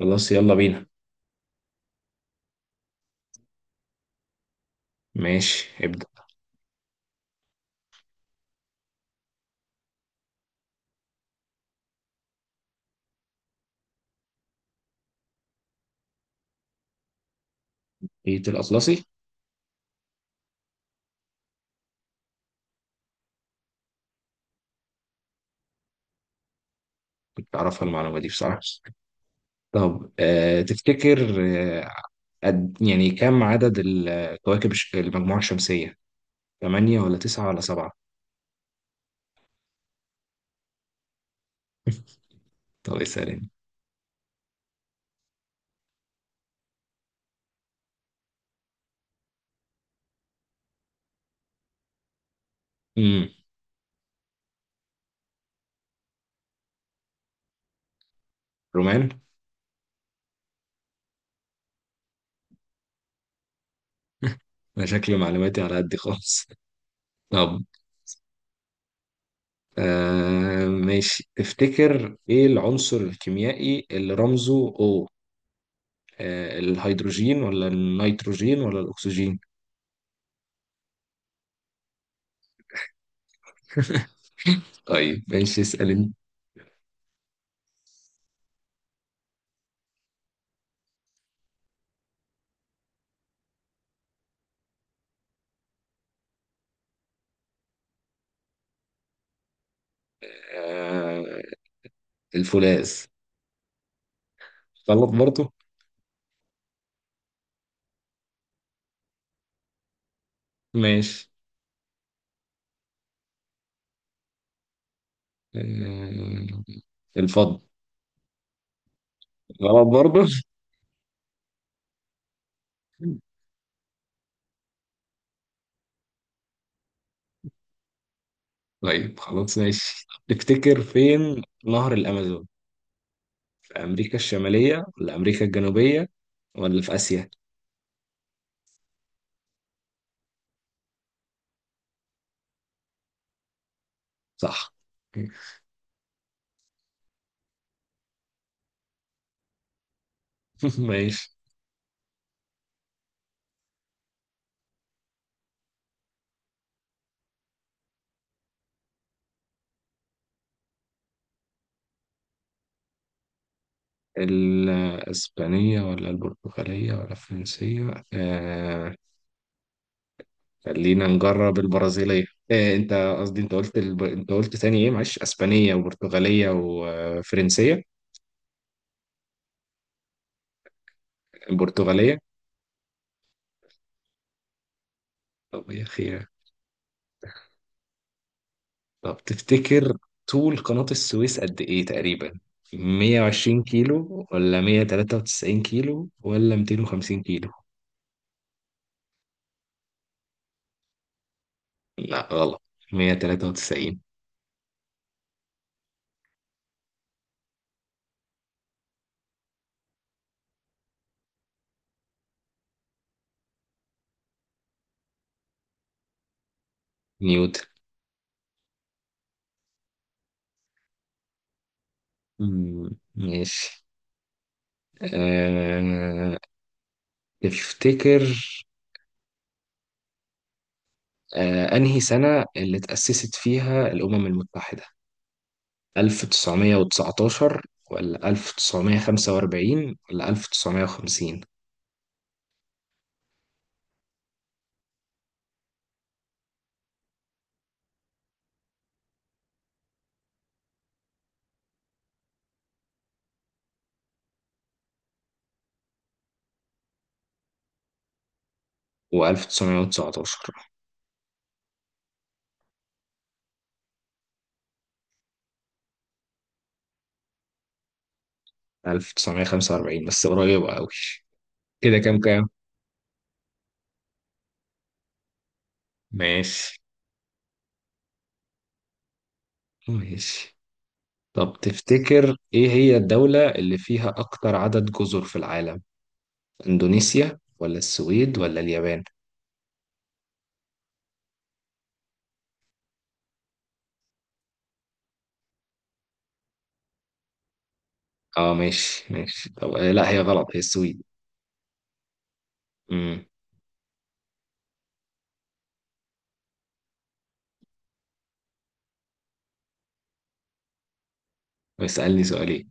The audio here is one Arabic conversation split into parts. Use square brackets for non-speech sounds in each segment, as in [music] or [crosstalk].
خلاص يلا بينا. ماشي ابدأ. ايه، الأطلسي. كنت أعرفها المعلومة دي بصراحة. طب، تفتكر، آه قد يعني كم عدد الكواكب المجموعة الشمسية؟ تمانية ولا تسعة ولا سبعة؟ طب اسألني. امم رومان. أنا شكلي معلوماتي على قد خالص. [laughs] طب، ماشي. تفتكر ايه العنصر الكيميائي اللي رمزه O؟ الهيدروجين ولا النيتروجين ولا الأكسجين؟ [laughs] طيب ماشي، اسأل انت. آه، الفولاذ. غلط برضه. ماشي. آه، الفضة. غلط برضه. [laughs] طيب خلاص ماشي، تفتكر فين نهر الأمازون؟ في أمريكا الشمالية ولا أمريكا الجنوبية ولا في آسيا؟ صح. [laughs] ماشي. الإسبانية ولا البرتغالية ولا الفرنسية. خلينا نجرب البرازيلية. أنت قصدي أنت قلت أنت قلت تاني، إيه، معلش، إسبانية وبرتغالية وفرنسية. البرتغالية. طب يا خير. طب تفتكر طول قناة السويس قد إيه تقريبا؟ 120 كيلو ولا 193 كيلو ولا 250 كيلو؟ لا، غلط. 193. نيوتن. ماشي. أه... تفتكر، أنهي سنة اللي تأسست فيها الأمم المتحدة؟ 1919 ولا 1945 ولا 1950؟ و1919. 1945 بس قريبة أوي. كده كام كام. ماشي ماشي. طب تفتكر إيه هي الدولة اللي فيها أكتر عدد جزر في العالم؟ إندونيسيا ولا السويد ولا اليابان؟ ماشي ماشي. طب، لا، هي غلط، هي السويد. امم اسألني سؤالين.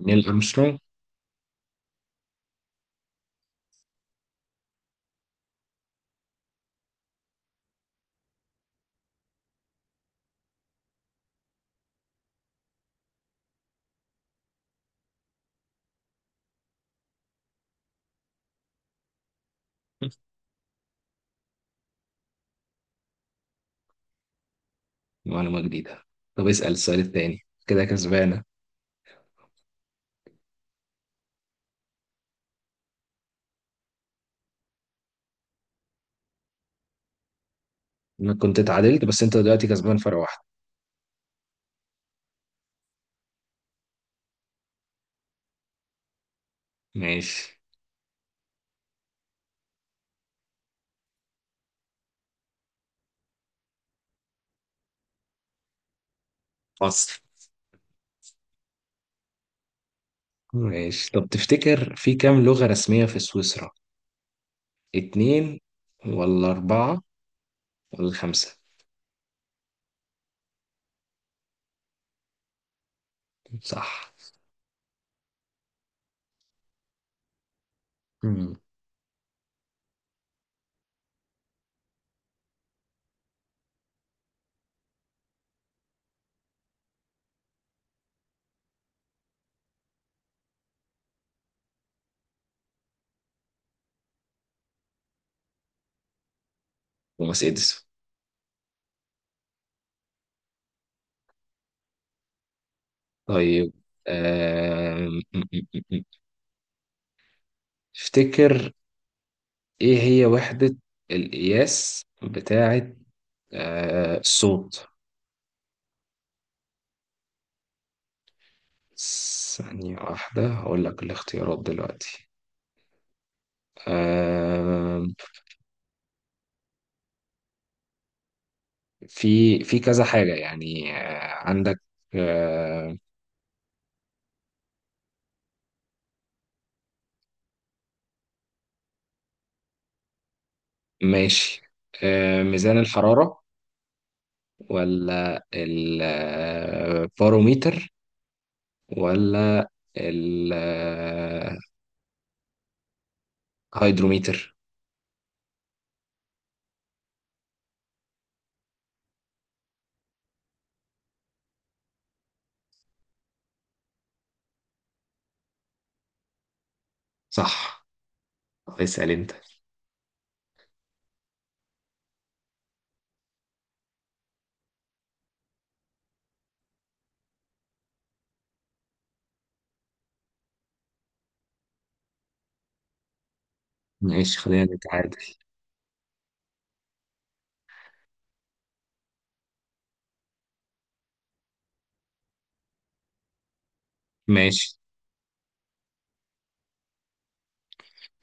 نيل أرمسترونج. معلومة جديدة. طب اسأل السؤال التاني. كده كسبانة. أنا كنت اتعادلت بس أنت دلوقتي كسبان فرق واحد. ماشي. فصل. ماشي، طب تفتكر في كام لغة رسمية في سويسرا؟ اتنين ولا أربعة ولا خمسة؟ صح. مم. توماس إديسون. طيب، آم، م- م- م- م. افتكر إيه هي وحدة القياس بتاعة، الصوت؟ ثانية واحدة هقول لك الاختيارات دلوقتي. آم، في كذا حاجة يعني. عندك، آه، ماشي، ميزان الحرارة ولا الباروميتر ولا الهيدروميتر؟ صح. اسأل انت. ماشي، خلينا نتعادل. ماشي.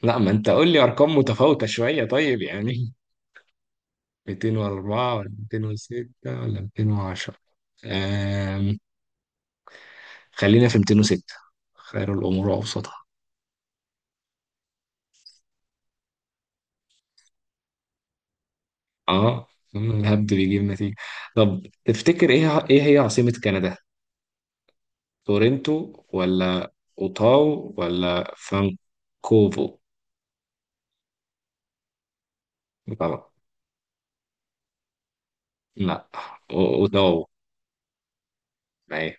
لا، ما انت قول لي ارقام متفاوتة شوية، طيب يعني. 204 ولا 206 ولا 210؟ أم... خلينا في 206. خير الامور اوسطها. اه. الهبد بيجيب نتيجة. طب تفتكر ايه هي عاصمة كندا؟ تورنتو ولا اوتاو ولا فانكوفو؟ غلط. لا. وده معايا.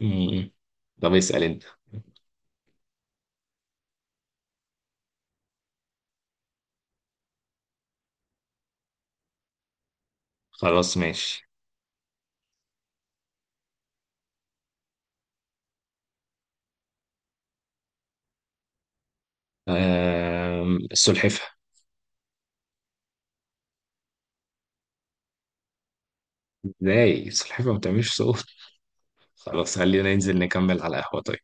م- م. طب اسأل انت. خلاص ماشي. السلحفة. ازاي السلحفة ما بتعملش صوت؟ خلاص خلينا ننزل نكمل على القهوة، طيب.